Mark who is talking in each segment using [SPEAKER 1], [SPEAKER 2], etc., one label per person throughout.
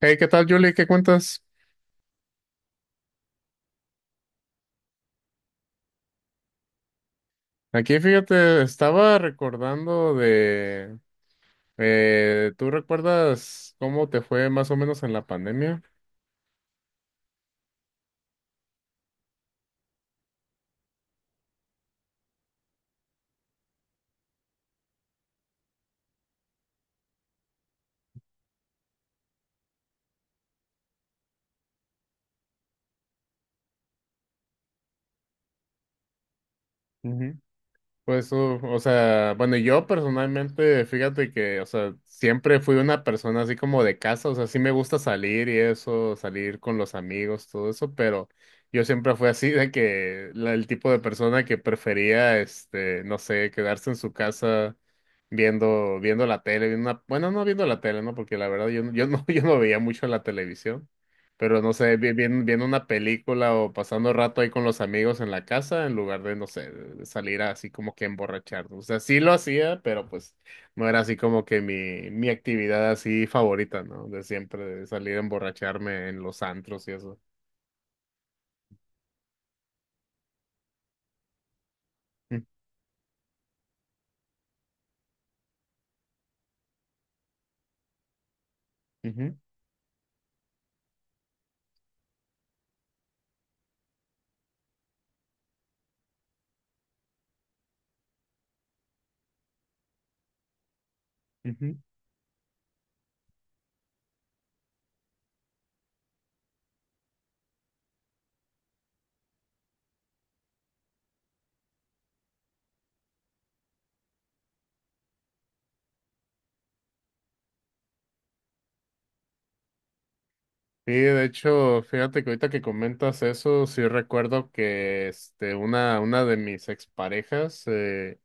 [SPEAKER 1] Hey, ¿qué tal, Julie? ¿Qué cuentas? Aquí, fíjate, estaba recordando ¿tú recuerdas cómo te fue más o menos en la pandemia? Pues, o sea, bueno, yo personalmente, fíjate que, o sea, siempre fui una persona así como de casa, o sea, sí me gusta salir y eso, salir con los amigos, todo eso, pero yo siempre fui así de que el tipo de persona que prefería, no sé, quedarse en su casa viendo la tele, bueno, no viendo la tele, ¿no? Porque la verdad yo, no- yo no, yo no veía mucho la televisión. Pero no sé, viendo una película o pasando rato ahí con los amigos en la casa, en lugar de, no sé, de salir así como que emborracharnos. O sea, sí lo hacía, pero pues no era así como que mi actividad así favorita, ¿no? De siempre, de salir a emborracharme en los antros y eso. Mm, ujú, ujú. Sí, de hecho, fíjate que ahorita que comentas eso, sí recuerdo que este, una de mis exparejas. eh,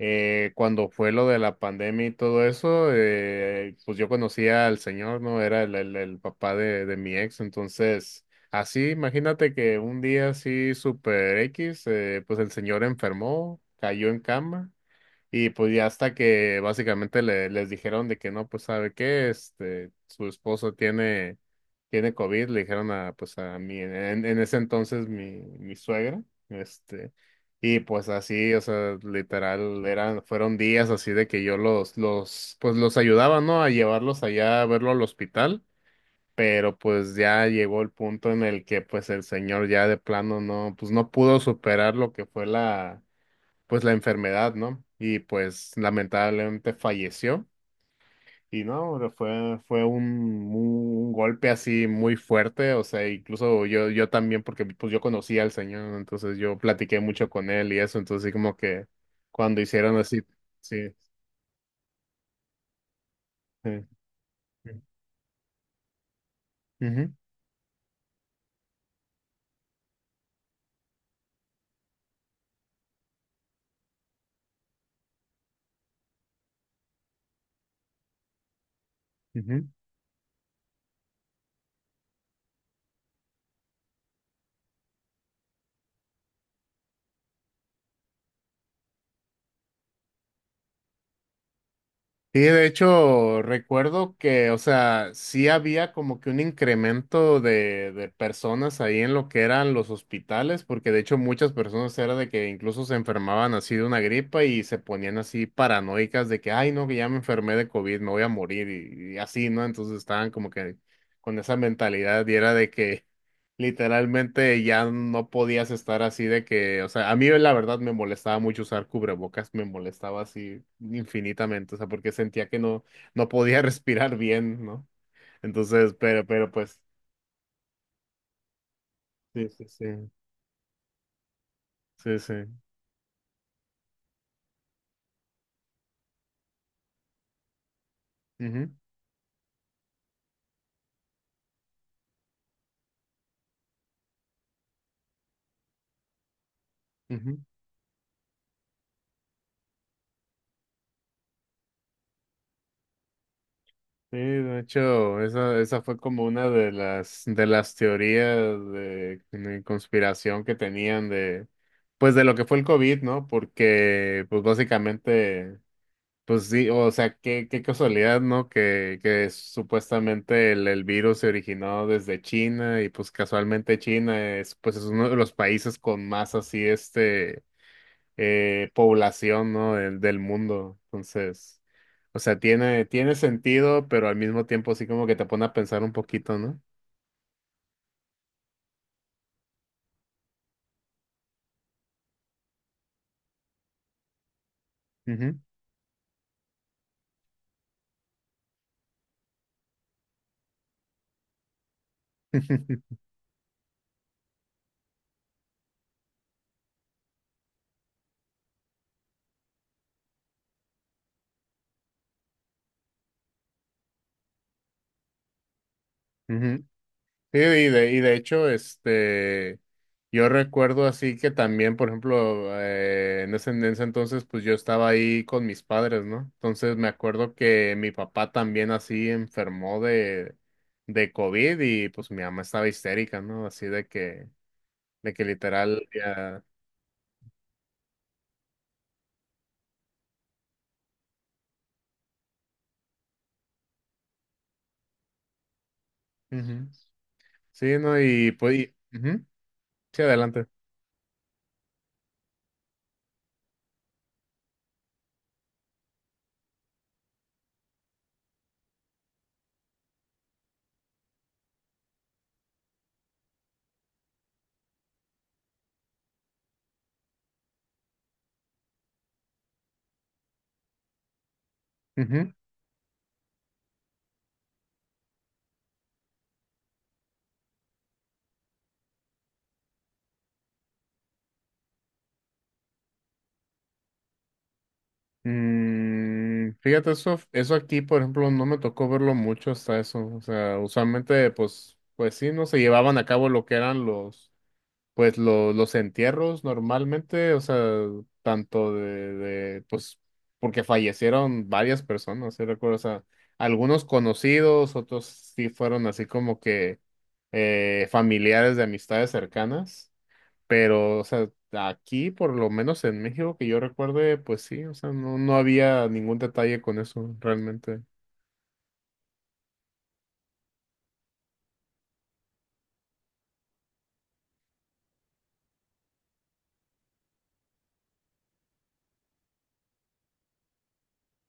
[SPEAKER 1] Eh, Cuando fue lo de la pandemia y todo eso, pues yo conocía al señor, ¿no? Era el papá de mi ex, entonces, así, imagínate que un día así super X, pues el señor enfermó, cayó en cama. Y pues ya hasta que básicamente les dijeron de que no, pues sabe qué, este, su esposo tiene COVID. Le dijeron a, pues a mí, en ese entonces mi suegra, este, y pues así, o sea, literal, fueron días así de que yo pues los ayudaba, ¿no? A llevarlos allá a verlo al hospital, pero pues ya llegó el punto en el que pues el señor ya de plano no, pues no pudo superar lo que fue la pues la enfermedad, ¿no? Y pues lamentablemente falleció. Y no, fue un golpe así muy fuerte, o sea, incluso yo, también, porque pues yo conocía al señor, ¿no? Entonces yo platiqué mucho con él y eso, entonces así como que cuando hicieron así, sí, sí. Sí. Ujú, ujú. Sí, de hecho, recuerdo que, o sea, sí había como que un incremento de personas ahí en lo que eran los hospitales, porque de hecho muchas personas era de que incluso se enfermaban así de una gripa y se ponían así paranoicas de que, ay, no, que ya me enfermé de COVID, me voy a morir y así, ¿no? Entonces estaban como que con esa mentalidad y era de que literalmente ya no podías estar así de que, o sea, a mí la verdad me molestaba mucho usar cubrebocas, me molestaba así infinitamente, o sea, porque sentía que no podía respirar bien, ¿no? Entonces, pero pues, sí, sí, sí, sí, sí. Ujú, ujú. Sí, de hecho, esa fue como una de las, teorías de conspiración que tenían de, pues de lo que fue el COVID, ¿no? Porque pues básicamente, pues sí, o sea, qué casualidad, ¿no? Que supuestamente el virus se originó desde China y pues casualmente China es, pues es uno de los países con más así, este, población, ¿no? Del, del mundo. Entonces, o sea, tiene sentido, pero al mismo tiempo sí como que te pone a pensar un poquito, ¿no? Ujú. Sí, y de hecho, este, yo recuerdo así que también, por ejemplo, en ese, entonces, pues yo estaba ahí con mis padres, ¿no? Entonces me acuerdo que mi papá también así enfermó de COVID y pues mi mamá estaba histérica, ¿no? Así de que literal, ya, ujú. Sí, ¿no? Y pues, ujú. Sí, adelante. Mm, fíjate, eso aquí, por ejemplo, no me tocó verlo mucho hasta eso. O sea, usualmente, pues, pues sí, no se llevaban a cabo lo que eran los, pues, los entierros normalmente, o sea, tanto pues, porque fallecieron varias personas, sí recuerdo, o sea, algunos conocidos, otros sí fueron así como que familiares de amistades cercanas. Pero, o sea, aquí, por lo menos en México, que yo recuerde, pues sí, o sea, no, no había ningún detalle con eso realmente.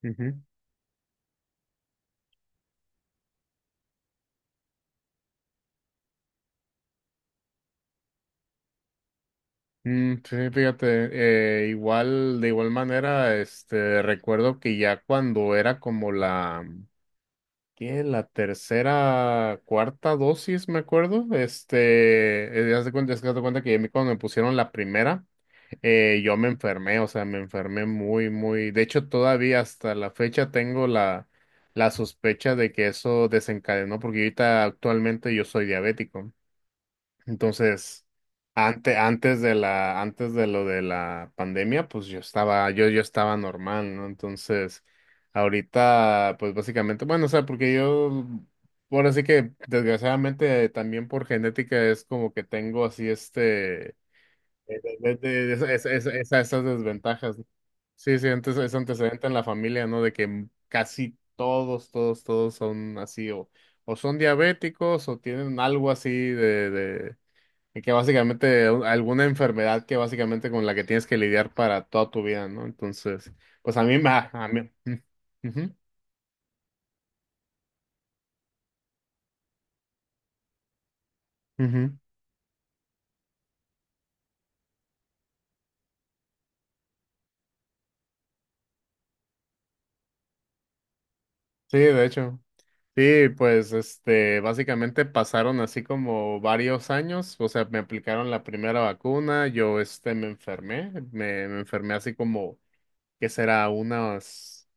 [SPEAKER 1] Ujú. Mm, sí, fíjate, igual, de igual manera, este, recuerdo que ya cuando era como ¿qué? La tercera, cuarta dosis, me acuerdo, este, es que haz de cuenta que a mí cuando me pusieron la primera, yo me enfermé, o sea, me enfermé muy, muy. De hecho, todavía hasta la fecha tengo la sospecha de que eso desencadenó, porque ahorita actualmente yo soy diabético. Entonces, antes de lo de la pandemia, pues yo estaba normal, ¿no? Entonces, ahorita, pues básicamente, bueno, o sea, porque yo, bueno, así que desgraciadamente también por genética es como que tengo así esas desventajas, ¿no? Sí, sí, es antecedente en la familia, ¿no? De que casi todos, todos, todos son así, o son diabéticos, o tienen algo así de que básicamente alguna enfermedad que básicamente con la que tienes que lidiar para toda tu vida, ¿no? Entonces, pues a mí me, a mí, ujú, ujú. Sí, de hecho. Sí, pues este, básicamente pasaron así como varios años, o sea, me aplicaron la primera vacuna, yo este me enfermé, me enfermé así como que será unos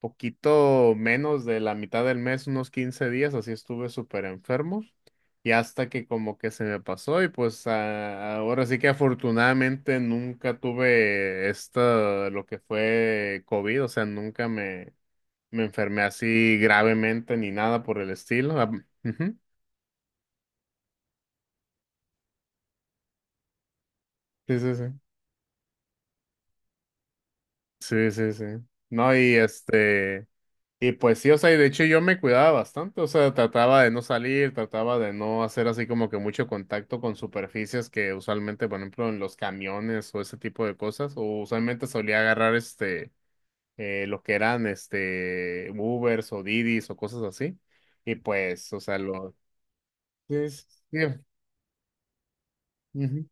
[SPEAKER 1] poquito menos de la mitad del mes, unos 15 días, así estuve súper enfermo y hasta que como que se me pasó y pues ahora sí que afortunadamente nunca tuve lo que fue COVID, o sea, nunca me enfermé así gravemente ni nada por el estilo. Ah, ujú. Sí, sí, sí. Sí, sí, sí. No, y este, y pues sí, o sea, y de hecho yo me cuidaba bastante, o sea, trataba de no salir, trataba de no hacer así como que mucho contacto con superficies que usualmente, por ejemplo, en los camiones o ese tipo de cosas, o usualmente solía agarrar este, lo que eran este, Ubers o Didis o cosas así, y pues, o sea, lo... Sí, sí, sí. Ujú.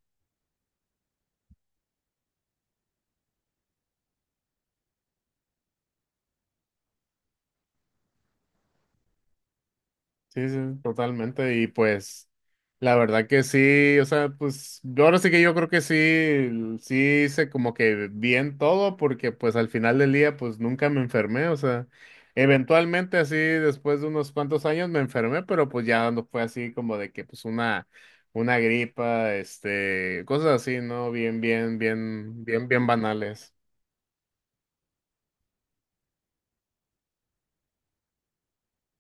[SPEAKER 1] Sí, sí, totalmente. Y pues, la verdad que sí, o sea, pues, yo ahora sí que yo creo que sí hice como que bien todo, porque pues al final del día, pues nunca me enfermé, o sea, eventualmente así, después de unos cuantos años me enfermé, pero pues ya no fue así como de que pues una gripa, este, cosas así, ¿no? Bien, bien, bien, bien, bien banales.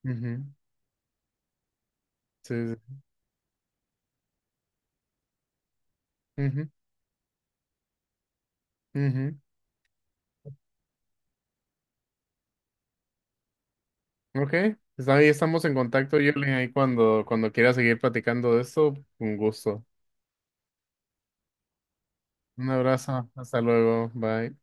[SPEAKER 1] Ujú. Sí, sí. Ujú, ujú. Ok, pues ahí estamos en contacto, Yuli, ahí cuando quieras seguir platicando de esto, un gusto. Un abrazo, hasta luego, bye.